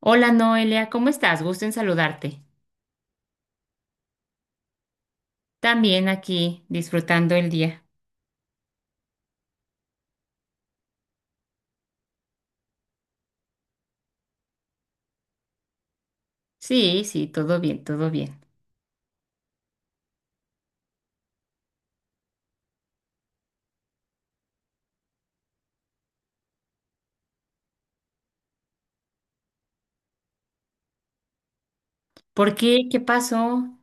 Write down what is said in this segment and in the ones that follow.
Hola Noelia, ¿cómo estás? Gusto en saludarte. También aquí, disfrutando el día. Sí, sí, todo bien, todo bien. ¿Por qué? ¿Qué pasó?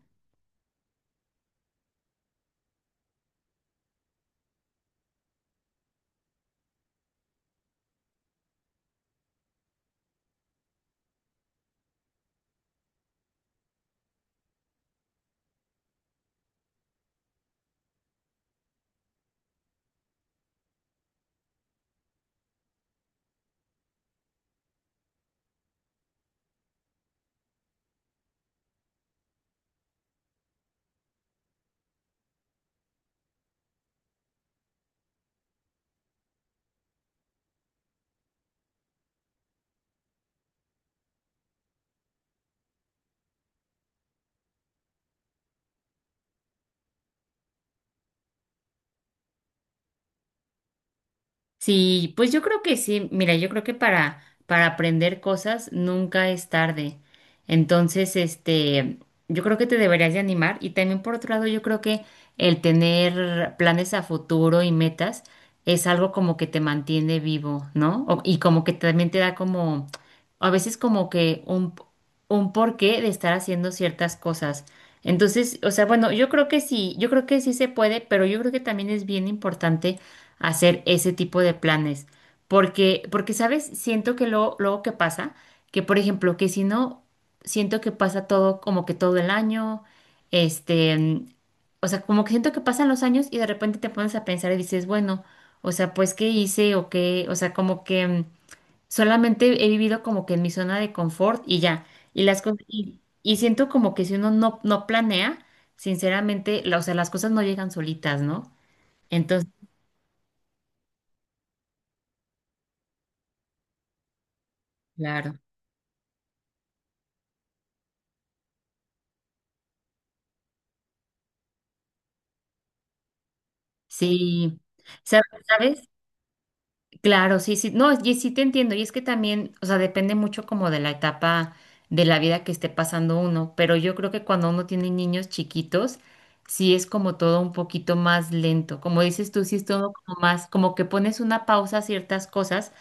Sí, pues yo creo que sí. Mira, yo creo que para aprender cosas nunca es tarde. Entonces, este, yo creo que te deberías de animar. Y también por otro lado, yo creo que el tener planes a futuro y metas es algo como que te mantiene vivo, ¿no? Y como que también te da como, a veces como que un porqué de estar haciendo ciertas cosas. Entonces, o sea, bueno, yo creo que sí, yo creo que sí se puede, pero yo creo que también es bien importante hacer ese tipo de planes. Porque, ¿sabes? Siento que luego, luego que pasa, que por ejemplo, que si no, siento que pasa todo como que todo el año, este, o sea, como que siento que pasan los años y de repente te pones a pensar y dices, bueno, o sea, pues, ¿qué hice o qué? O sea, como que solamente he vivido como que en mi zona de confort y ya. Y las cosas, y siento como que si uno no, no planea, sinceramente, o sea, las cosas no llegan solitas, ¿no? Entonces, claro. Sí. ¿Sabes? ¿Sabes? Claro, sí, sí, no, y sí te entiendo, y es que también, o sea, depende mucho como de la etapa de la vida que esté pasando uno, pero yo creo que cuando uno tiene niños chiquitos, sí es como todo un poquito más lento, como dices tú, sí es todo como más, como que pones una pausa a ciertas cosas,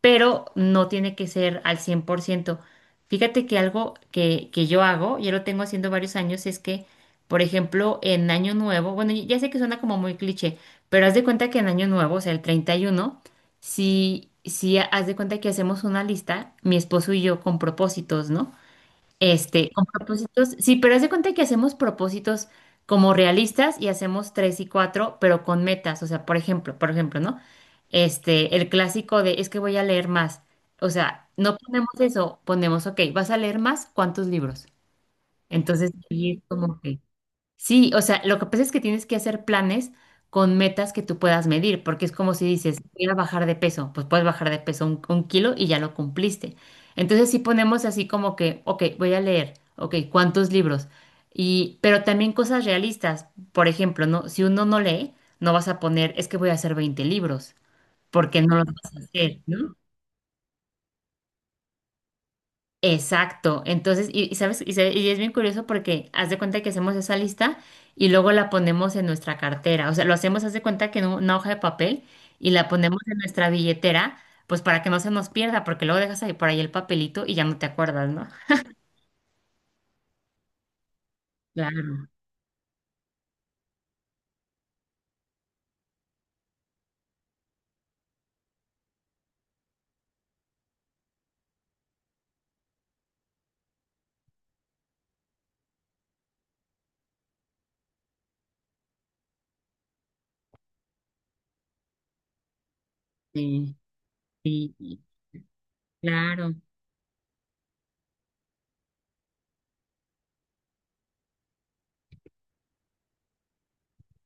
pero no tiene que ser al 100%. Fíjate que algo que yo hago, ya lo tengo haciendo varios años, es que, por ejemplo, en Año Nuevo, bueno, ya sé que suena como muy cliché, pero haz de cuenta que en Año Nuevo, o sea, el 31 si haz de cuenta que hacemos una lista, mi esposo y yo con propósitos, ¿no? Este, con propósitos, sí, pero haz de cuenta que hacemos propósitos como realistas y hacemos tres y cuatro, pero con metas. O sea, por ejemplo, ¿no? Este, el clásico de es que voy a leer más. O sea, no ponemos eso, ponemos, ok, vas a leer más, ¿cuántos libros? Entonces, ahí es como que sí, o sea, lo que pasa es que tienes que hacer planes con metas que tú puedas medir, porque es como si dices, voy a bajar de peso, pues puedes bajar de peso un kilo y ya lo cumpliste. Entonces, si ponemos así como que, ok, voy a leer, ok, ¿cuántos libros? Y, pero también cosas realistas. Por ejemplo, ¿no? Si uno no lee, no vas a poner, es que voy a hacer 20 libros, porque no los vas a hacer, ¿no? Exacto. Entonces, y sabes, y es bien curioso porque haz de cuenta que hacemos esa lista y luego la ponemos en nuestra cartera. O sea, lo hacemos, haz de cuenta que en una hoja de papel y la ponemos en nuestra billetera, pues para que no se nos pierda, porque luego dejas ahí por ahí el papelito y ya no te acuerdas, ¿no? Claro, sí, sí, claro.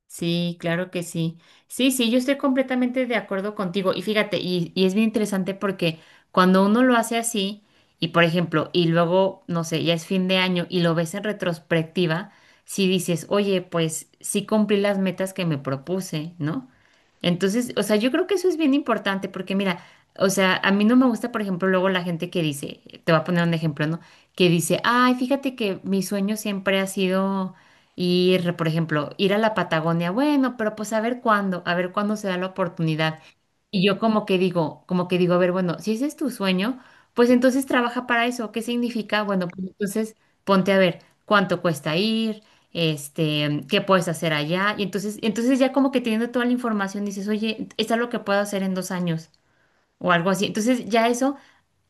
Sí, claro que sí. Sí, sí, yo estoy completamente de acuerdo contigo. Y fíjate, y es bien interesante porque cuando uno lo hace así, y por ejemplo, y luego, no sé, ya es fin de año y lo ves en retrospectiva, si dices, oye, pues sí cumplí las metas que me propuse, ¿no? Entonces, o sea, yo creo que eso es bien importante porque mira, o sea, a mí no me gusta, por ejemplo, luego la gente que dice, te voy a poner un ejemplo, ¿no? Que dice, ay, fíjate que mi sueño siempre ha sido ir, por ejemplo, ir a la Patagonia, bueno, pero pues a ver cuándo se da la oportunidad. Y yo como que digo, a ver, bueno, si ese es tu sueño, pues entonces trabaja para eso. ¿Qué significa? Bueno, pues entonces ponte a ver cuánto cuesta ir, este, qué puedes hacer allá. Y entonces, ya como que teniendo toda la información dices, oye, es algo que puedo hacer en 2 años o algo así. Entonces ya eso,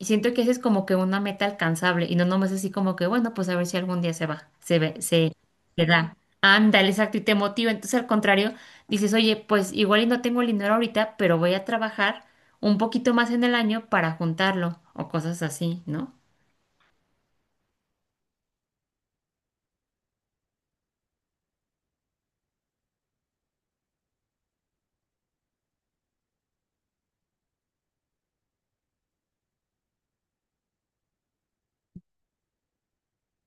siento que esa es como que una meta alcanzable y no nomás así como que, bueno, pues a ver si algún día se va, se ve, se da. Ándale, exacto, y te motiva. Entonces al contrario, dices, oye, pues igual y no tengo el dinero ahorita, pero voy a trabajar un poquito más en el año para juntarlo o cosas así, ¿no?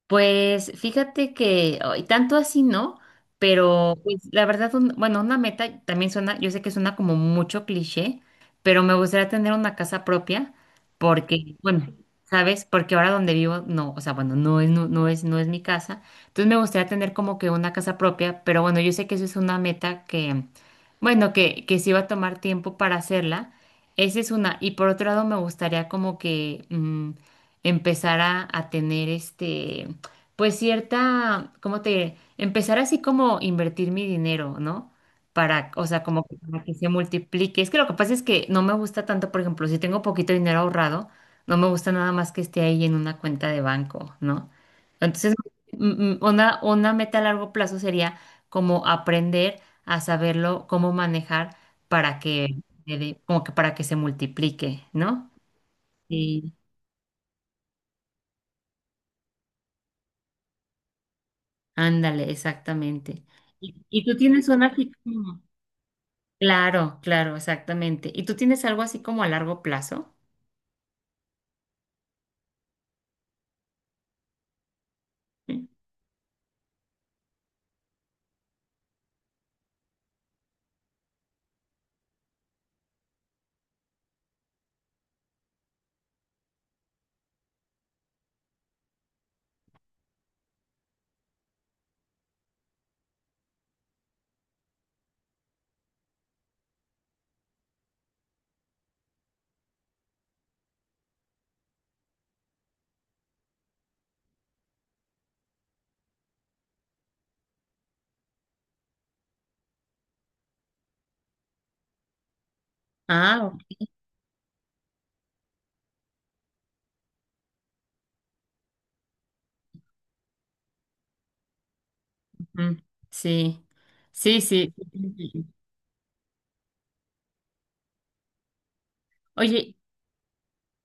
Pues fíjate que ay, tanto así no, pero pues la verdad, bueno, una meta también suena, yo sé que suena como mucho cliché, pero me gustaría tener una casa propia porque, bueno, ¿sabes? Porque ahora donde vivo, no, o sea, bueno, no es, no, no es, no es mi casa. Entonces me gustaría tener como que una casa propia, pero bueno, yo sé que eso es una meta que, bueno, que sí va a tomar tiempo para hacerla. Esa es una. Y por otro lado, me gustaría como que empezar a tener este pues cierta, ¿cómo te diré? Empezar así como invertir mi dinero, ¿no? Para, o sea, como que, para que se multiplique. Es que lo que pasa es que no me gusta tanto, por ejemplo, si tengo poquito dinero ahorrado, no me gusta nada más que esté ahí en una cuenta de banco, ¿no? Entonces, una meta a largo plazo sería como aprender a saberlo, cómo manejar para que, como que para que se multiplique, ¿no? Sí, ándale, exactamente. ¿Y tú tienes una así como... Claro, claro, exactamente. ¿Y tú tienes algo así como a largo plazo? Sí. Ah, ok. Ujú. Sí, sí, sí. Oye,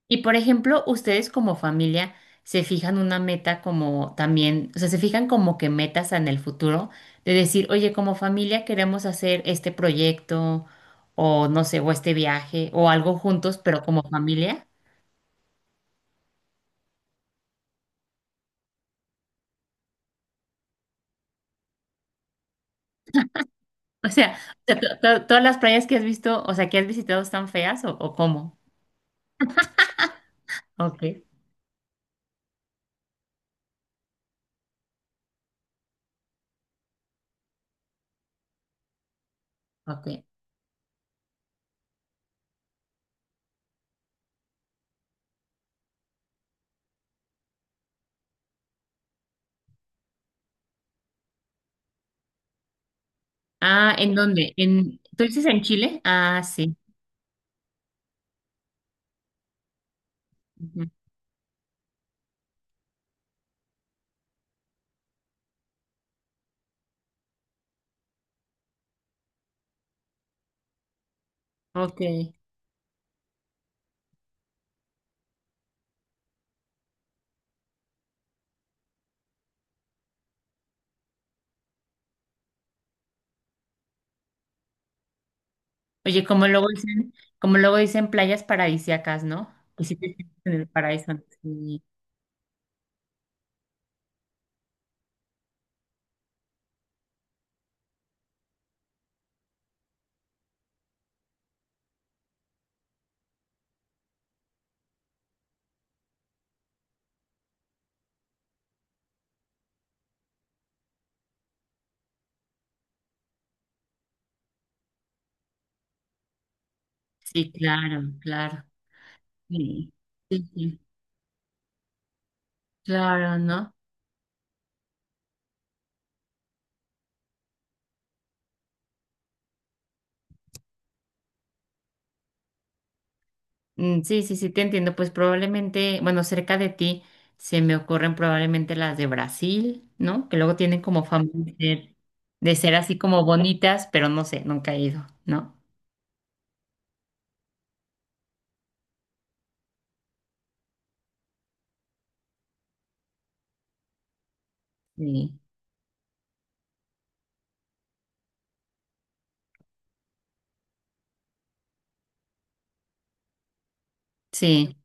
y por ejemplo, ustedes como familia se fijan una meta como también, o sea, se fijan como que metas en el futuro de decir, oye, como familia queremos hacer este proyecto o no sé, o este viaje o algo juntos, pero como familia. O sea, todas las playas que has visto, o sea, que has visitado están feas o, ¿o cómo? Ok, ok. Ah, ¿en dónde? ¿En, tú dices en Chile? Ah, sí. Ujú. Ok. Oye, como luego dicen, playas paradisíacas, ¿no? Pues sí te sientes en el paraíso. Sí, sí, claro, claro. Sí, sí, sí, claro, ¿no? Mm, sí, sí, sí, te entiendo. Pues probablemente, bueno, cerca de ti se me ocurren probablemente las de Brasil, ¿no? Que luego tienen como fama de ser así como bonitas, pero no sé, nunca he ido, ¿no? Sí, sí.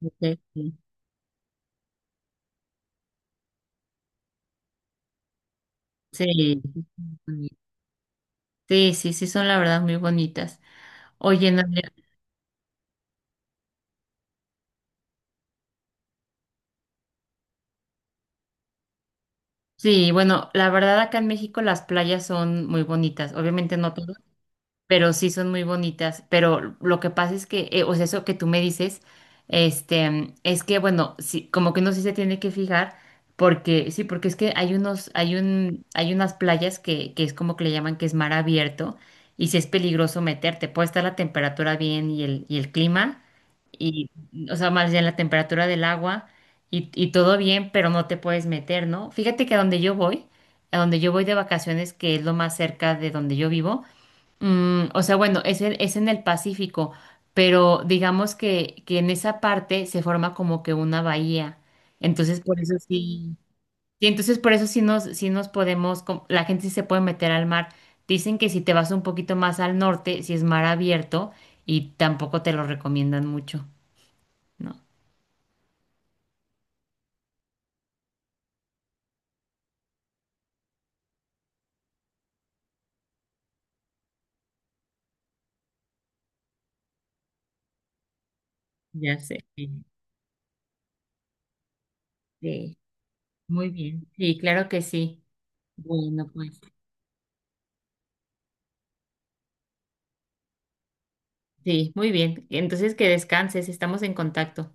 Ok, sí, sí, sí, sí, son la verdad muy bonitas. Oye, no, sí, bueno, la verdad acá en México las playas son muy bonitas, obviamente no todas. Pero sí son muy bonitas. Pero lo que pasa es que, o sea, eso que tú me dices, este, es que, bueno, sí, como que uno sí se tiene que fijar, porque, sí, porque es que hay unos, hay unas playas que es como que le llaman que es mar abierto, y sí es peligroso meterte. Puede estar la temperatura bien y el clima, y, o sea, más bien la temperatura del agua, y todo bien, pero no te puedes meter, ¿no? Fíjate que a donde yo voy, de vacaciones, que es lo más cerca de donde yo vivo. O sea, bueno, es en el Pacífico, pero digamos que en esa parte se forma como que una bahía. Entonces, por eso sí, sí, entonces por eso sí nos podemos, la gente sí se puede meter al mar. Dicen que si te vas un poquito más al norte, si es mar abierto, y tampoco te lo recomiendan mucho, ¿no? Ya sé. Sí, sí, muy bien. Sí, claro que sí. Bueno, pues. Sí, muy bien. Entonces que descanses, estamos en contacto.